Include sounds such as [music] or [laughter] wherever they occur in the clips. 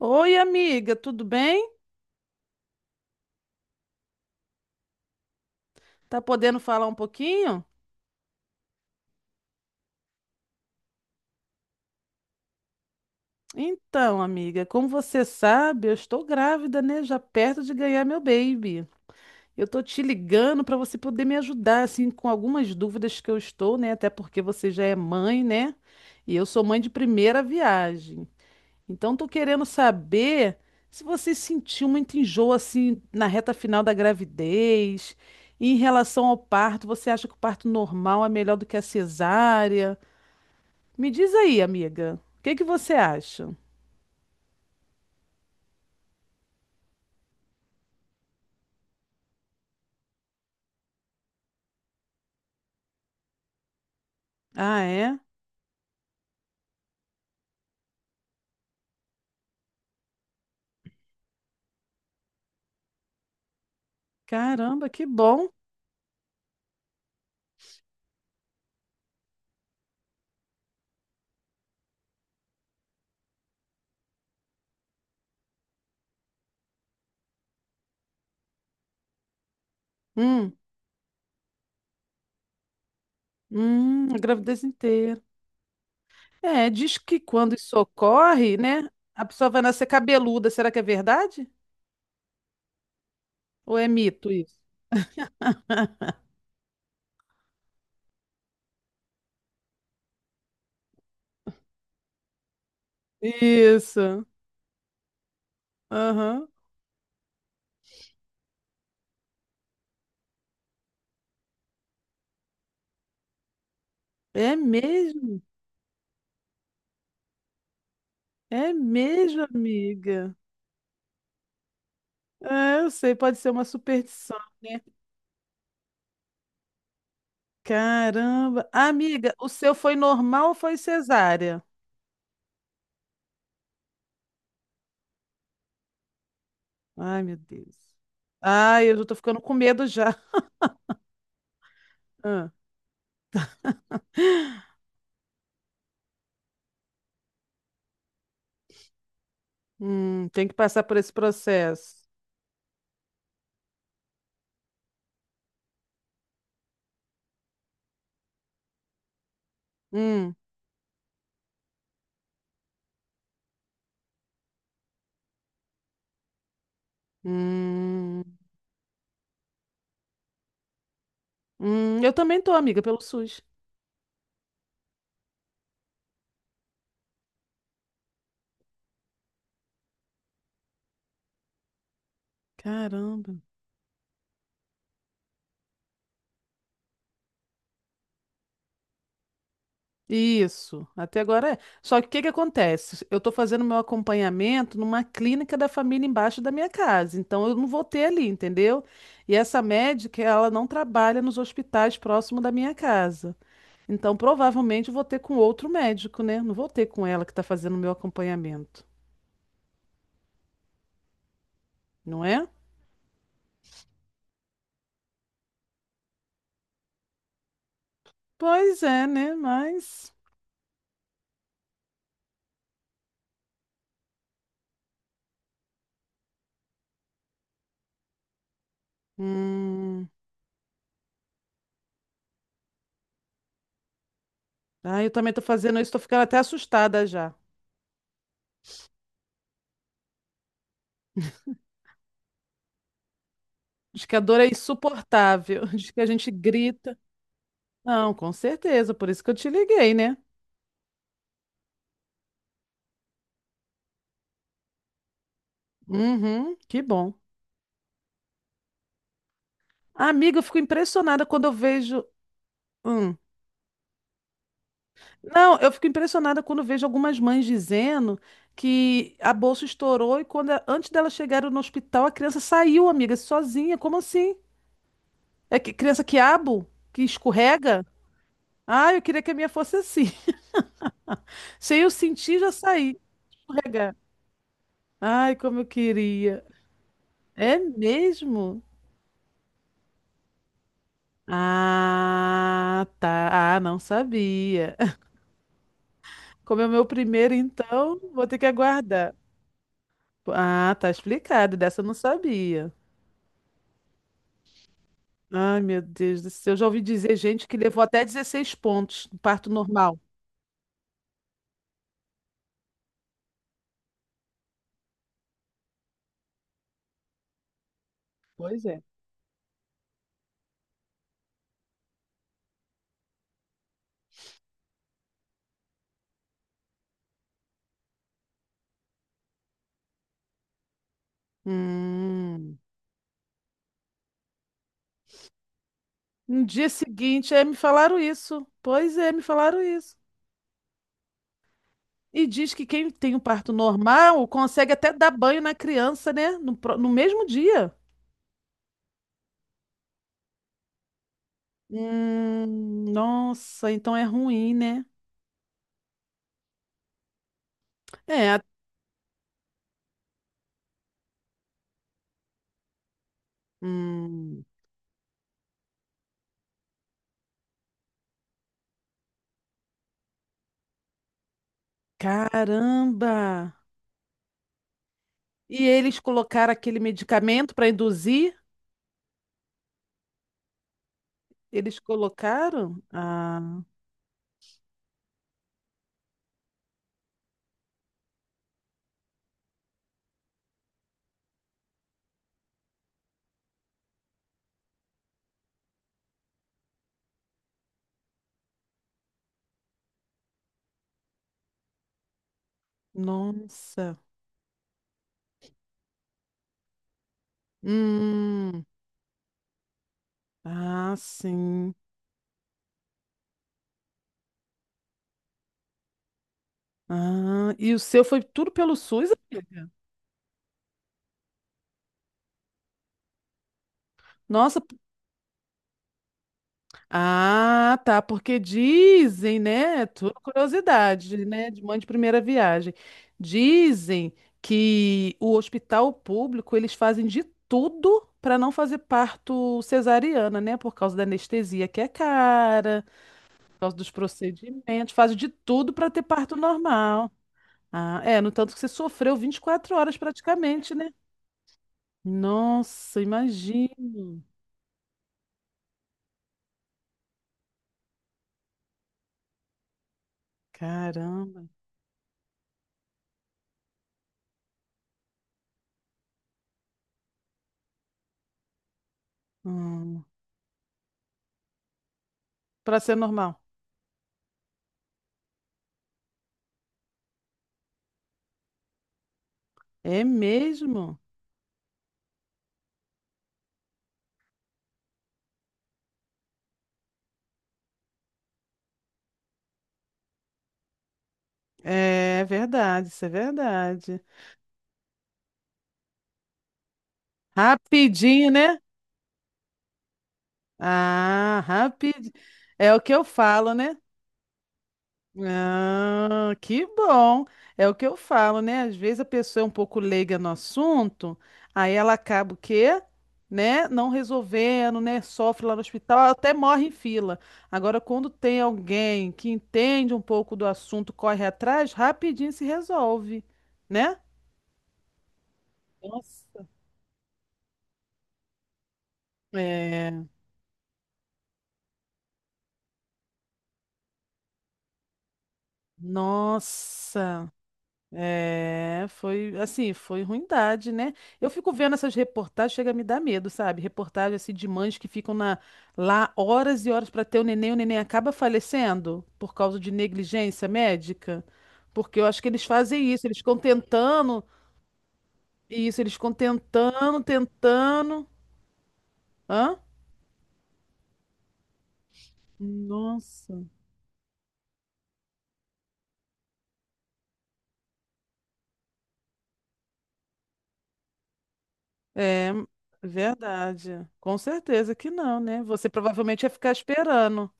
Oi, amiga, tudo bem? Tá podendo falar um pouquinho? Então, amiga, como você sabe, eu estou grávida, né? Já perto de ganhar meu baby. Eu tô te ligando para você poder me ajudar, assim, com algumas dúvidas que eu estou, né? Até porque você já é mãe, né? E eu sou mãe de primeira viagem. Então, tô querendo saber se você sentiu muito enjoo, assim, na reta final da gravidez. E em relação ao parto, você acha que o parto normal é melhor do que a cesárea? Me diz aí, amiga, o que que você acha? Ah, é? Caramba, que bom. Hum, a gravidez inteira. É, diz que quando isso ocorre, né, a pessoa vai nascer cabeluda. Será que é verdade? Ou é mito isso? [laughs] Isso. Aham. É mesmo? É mesmo, amiga. É, eu sei, pode ser uma superstição, né? Caramba. Amiga, o seu foi normal ou foi cesárea? Ai, meu Deus. Ai, eu já tô ficando com medo já. Ah, tem que passar por esse processo. Hum, hum, eu também tô, amiga, pelo SUS. Caramba. Isso, até agora é. Só que o que que acontece? Eu estou fazendo meu acompanhamento numa clínica da família embaixo da minha casa, então eu não vou ter ali, entendeu? E essa médica, ela não trabalha nos hospitais próximo da minha casa. Então, provavelmente eu vou ter com outro médico, né? Não vou ter com ela que está fazendo o meu acompanhamento, não é? Pois é, né? Mas. Hum... Ah, eu também estou fazendo isso, estou ficando até assustada já. Diz que a dor é insuportável, [laughs] diz que a gente grita. Não, com certeza, por isso que eu te liguei, né? Uhum, que bom. Amiga, eu fico impressionada quando eu vejo. Hum. Não, eu fico impressionada quando vejo algumas mães dizendo que a bolsa estourou e quando a- antes delas chegarem no hospital a criança saiu, amiga, sozinha. Como assim? É que criança quiabo? Que escorrega? Ah, eu queria que a minha fosse assim. [laughs] Se eu sentir, já saí. Escorregar. Ai, como eu queria. É mesmo? Ah, tá. Ah, não sabia. [laughs] Como é o meu primeiro, então, vou ter que aguardar. Ah, tá explicado. Dessa eu não sabia. Ai, meu Deus do céu. Eu já ouvi dizer gente que levou até 16 pontos no parto normal. Pois é. Hum. No dia seguinte, é, me falaram isso. Pois é, me falaram isso. E diz que quem tem um parto normal consegue até dar banho na criança, né? No, no mesmo dia. Nossa, então é ruim, né? É. a- Hum, caramba! E eles colocaram aquele medicamento para induzir? Eles colocaram? Ah. Nossa. Hum. Ah, sim. Ah, e o seu foi tudo pelo SUS, amiga? Nossa. Ah, tá, porque dizem, né? Tudo curiosidade, né? De mãe de primeira viagem. Dizem que o hospital público, eles fazem de tudo para não fazer parto cesariana, né? Por causa da anestesia que é cara, por causa dos procedimentos, fazem de tudo para ter parto normal. Ah, é, no tanto que você sofreu 24 horas praticamente, né? Nossa, imagino. Caramba. Hum, para ser normal. É mesmo? É verdade, isso é verdade. Rapidinho, né? Ah, rapidinho. É o que eu falo, né? Ah, que bom. É o que eu falo, né? Às vezes a pessoa é um pouco leiga no assunto, aí ela acaba o quê? Né? Não resolvendo, né? Sofre lá no hospital, até morre em fila. Agora, quando tem alguém que entende um pouco do assunto, corre atrás, rapidinho se resolve, né? Nossa. É, nossa. É, foi assim, foi ruindade, né? Eu fico vendo essas reportagens, chega a me dar medo, sabe? Reportagem assim de mães que ficam lá horas e horas para ter o neném acaba falecendo por causa de negligência médica. Porque eu acho que eles fazem isso, eles ficam tentando, isso, eles ficam tentando, tentando. Hã? Nossa. É verdade. Com certeza que não, né? Você provavelmente ia ficar esperando.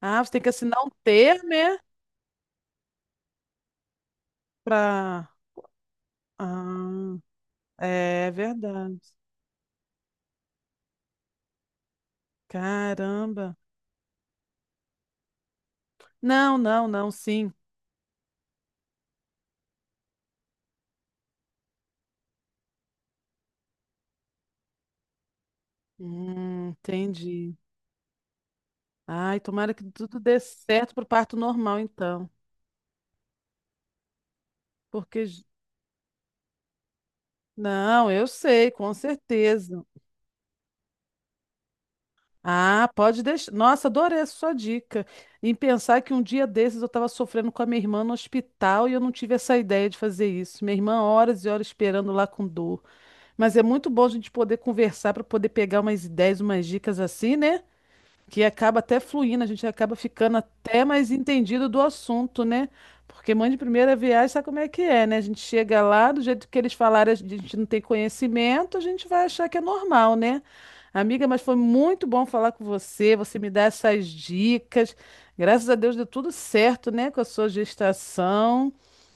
Ah, você tem que assinar um termo, né? Pra. Ah, é verdade. Caramba. Não, não, não, sim. Entendi. Ai, tomara que tudo dê certo pro parto normal, então. Porque. j- Não, eu sei, com certeza. Ah, pode deixar. Nossa, adorei a sua dica. Em pensar que um dia desses eu estava sofrendo com a minha irmã no hospital e eu não tive essa ideia de fazer isso. Minha irmã, horas e horas esperando lá com dor. Mas é muito bom a gente poder conversar para poder pegar umas ideias, umas dicas assim, né? Que acaba até fluindo, a gente acaba ficando até mais entendido do assunto, né? Porque mãe de primeira viagem sabe como é que é, né? A gente chega lá, do jeito que eles falaram, a gente não tem conhecimento, a gente vai achar que é normal, né? Amiga, mas foi muito bom falar com você, você me dá essas dicas. Graças a Deus deu tudo certo, né, com a sua gestação.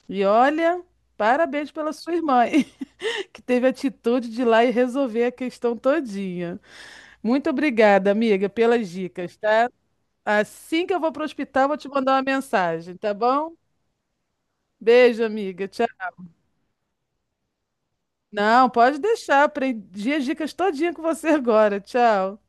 E olha, parabéns pela sua irmã, [laughs] que teve a atitude de ir lá e resolver a questão todinha. Muito obrigada, amiga, pelas dicas, tá? Assim que eu vou pro hospital, vou te mandar uma mensagem, tá bom? Beijo, amiga. Tchau. Não, pode deixar. Aprendi as dicas todinha com você agora. Tchau.